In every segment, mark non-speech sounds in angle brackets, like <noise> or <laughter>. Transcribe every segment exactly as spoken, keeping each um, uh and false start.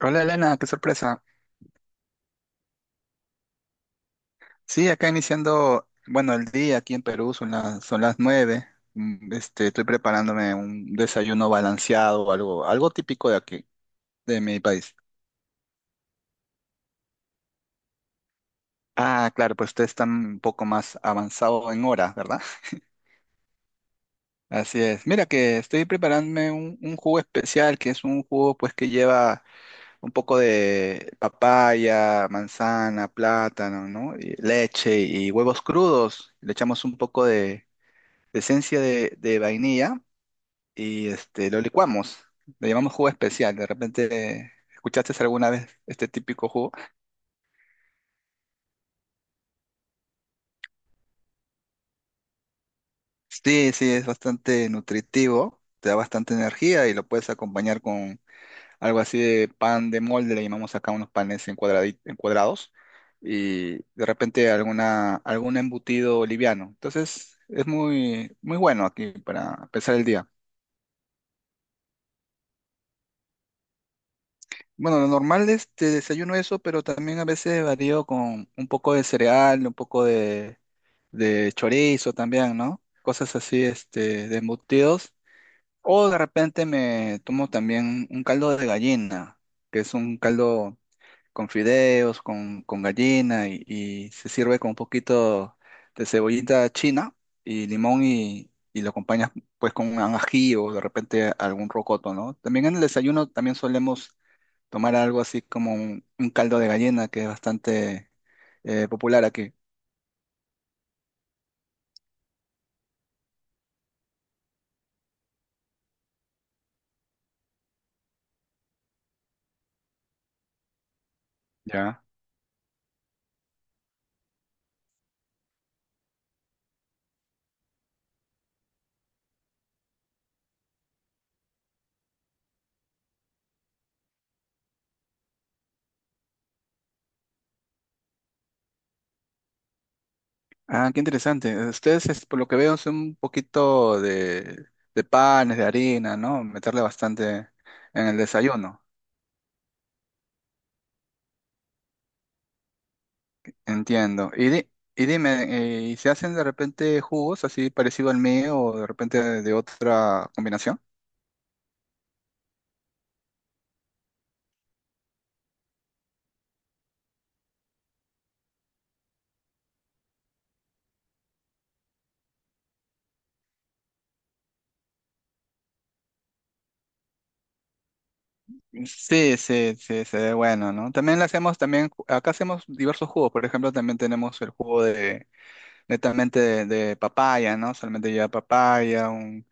Hola Elena, qué sorpresa. Sí, acá iniciando, bueno, el día aquí en Perú son las, son las nueve. Mm, Este, estoy preparándome un desayuno balanceado, algo, algo típico de aquí, de mi país. Ah, claro, pues ustedes están un poco más avanzado en horas, ¿verdad? <laughs> Así es. Mira que estoy preparándome un, un jugo especial, que es un jugo pues que lleva un poco de papaya, manzana, plátano, ¿no? Y leche y huevos crudos. Le echamos un poco de esencia de, de vainilla y este, lo licuamos. Le llamamos jugo especial. De repente, ¿escuchaste alguna vez este típico jugo? Sí, sí, es bastante nutritivo, te da bastante energía y lo puedes acompañar con algo así de pan de molde, le llamamos acá unos panes en cuadradi- en cuadrados y de repente alguna, algún embutido liviano. Entonces, es muy, muy bueno aquí para empezar el día. Bueno, lo normal es te desayuno eso, pero también a veces varío con un poco de cereal, un poco de, de chorizo también, ¿no? Cosas así, este, de embutidos. O de repente me tomo también un caldo de gallina, que es un caldo con fideos, con, con gallina, y, y se sirve con un poquito de cebollita china y limón y, y lo acompañas pues con un ají o de repente algún rocoto, ¿no? También en el desayuno también solemos tomar algo así como un, un caldo de gallina que es bastante eh, popular aquí. Ya. Ah, qué interesante. Ustedes, es- por lo que veo, son un poquito de, de panes, de harina, ¿no? Meterle bastante en el desayuno. Entiendo. Y, di- y dime, eh, ¿y se hacen de repente jugos así parecido al mío o de repente de otra combinación? Sí, sí, sí, se ve bueno, ¿no? También le hacemos, también, ju- acá hacemos diversos jugos. Por ejemplo, también tenemos el jugo de netamente de, de papaya, ¿no? Solamente lleva papaya, un,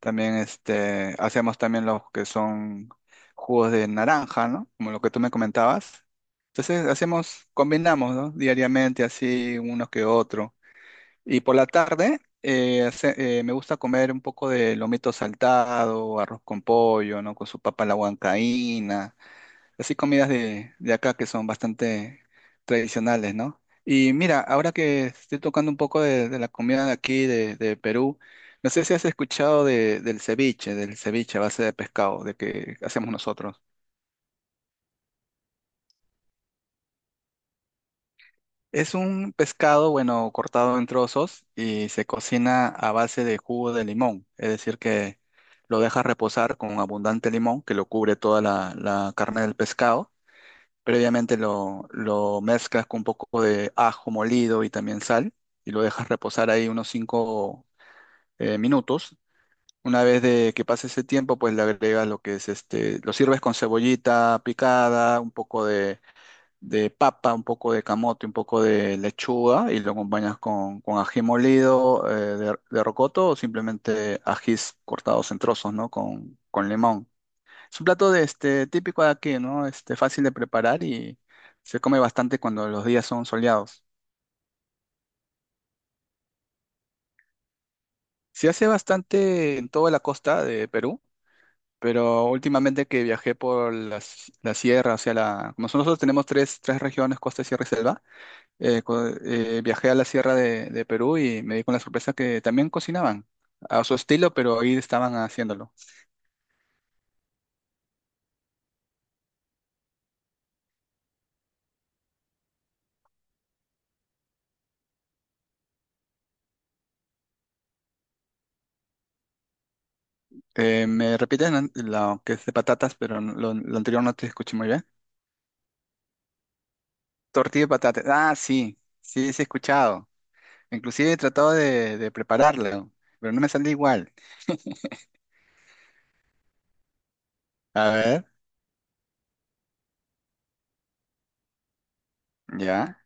también este, hacemos también los que son jugos de naranja, ¿no? Como lo que tú me comentabas. Entonces hacemos, combinamos, ¿no? Diariamente así, uno que otro. Y por la tarde eh, hace- eh, me gusta comer un poco de lomito saltado, arroz con pollo, ¿no? Con su papa a la huancaína. Así comidas de, de acá que son bastante tradicionales, ¿no? Y mira, ahora que estoy tocando un poco de, de la comida de aquí, de, de Perú, no sé si has escuchado de- del ceviche, del ceviche a base de pescado, de que hacemos nosotros. Es un pescado, bueno, cortado en trozos y se cocina a base de jugo de limón, es decir, que lo dejas reposar con abundante limón que lo cubre toda la la carne del pescado. Previamente lo, lo mezclas con un poco de ajo molido y también sal y lo dejas reposar ahí unos cinco eh, minutos. Una vez de que pase ese tiempo, pues le agregas lo que es este, lo sirves con cebollita picada, un poco de, de papa, un poco de camote, un poco de lechuga y lo acompañas con, con ají molido eh, de, de rocoto o simplemente ajís cortados en trozos, ¿no? Con, con limón. Es un plato de este típico de aquí, ¿no? Este fácil de preparar y se come bastante cuando los días son soleados. Se hace bastante en toda la costa de Perú, pero últimamente que viajé por la, s- la sierra, o sea, la, como nosotros tenemos tres, tres regiones, costa, sierra y selva, eh, co- eh, viajé a la sierra de, de Perú y me di con la sorpresa que también cocinaban a su estilo, pero ahí estaban haciéndolo. Eh, me repiten an- lo que es de patatas, pero no- lo, lo anterior no te escuché muy bien. Tortilla de patatas. Ah, sí, sí, sí he escuchado. Inclusive he tratado de, de prepararlo, pero no me sale igual. A ver, ya.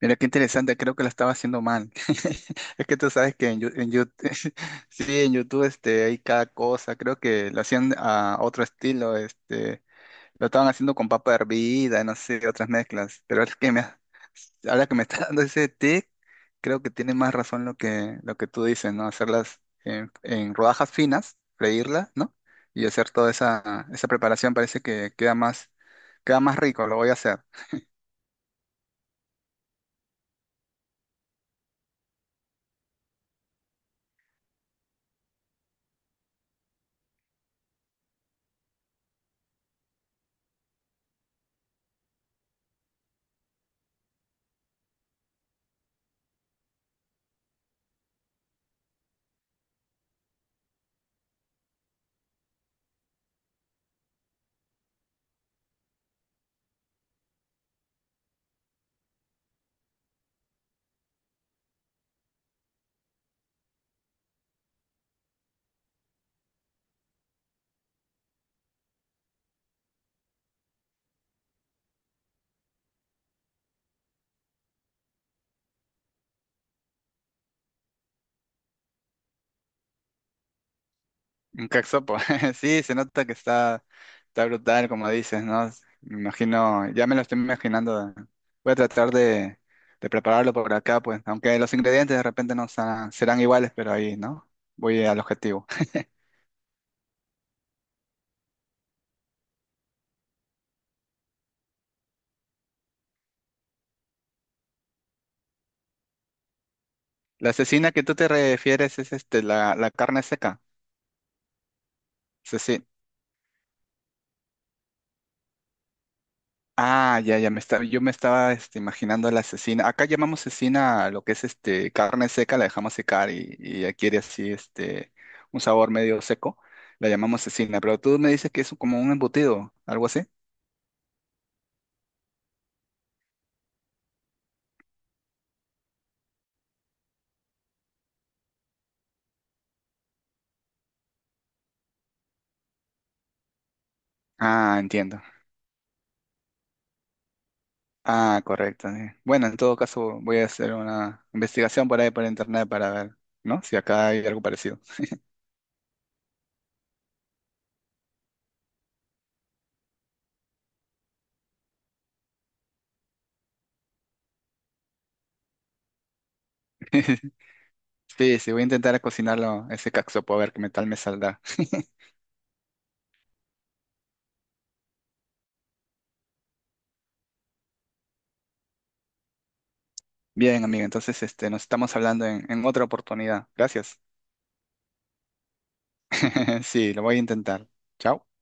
Mira qué interesante, creo que lo estaba haciendo mal. <laughs> Es que tú sabes que en, Yu- en YouTube, <laughs> sí, en YouTube este, hay cada cosa. Creo que lo hacían a otro estilo, este, lo estaban haciendo con papa hervida, no sé, otras mezclas. Pero es que me, ha- ahora que me está <laughs> dando ese tic, creo que tiene más razón lo que, lo que tú dices, ¿no? Hacerlas en, en rodajas finas, freírlas, ¿no? Y hacer toda esa, esa preparación parece que queda más, queda más rico, lo voy a hacer. Un caxopo. <laughs> Sí, se nota que está, está brutal, como dices, ¿no? Me imagino, ya me lo estoy imaginando. Voy a tratar de, de prepararlo por acá, pues, aunque los ingredientes de repente no sa- serán iguales, pero ahí, ¿no? Voy al objetivo. <laughs> La cecina que tú te refieres es este, la, la carne seca. Ah, ya, ya me estaba, yo me estaba este, imaginando a la cecina. Acá llamamos cecina a lo que es este carne seca, la dejamos secar y, y adquiere así este un sabor medio seco. La llamamos cecina, pero tú me dices que es como un embutido, algo así. Ah, entiendo. Ah, correcto. Sí. Bueno, en todo caso voy a hacer una investigación por ahí por internet para ver, ¿no? Si acá hay algo parecido. <laughs> Sí, sí, voy a intentar cocinarlo ese caxopo a ver qué tal me saldrá. Bien, amigo, entonces este, nos estamos hablando en en otra oportunidad. Gracias. <laughs> Sí, lo voy a intentar. Chao.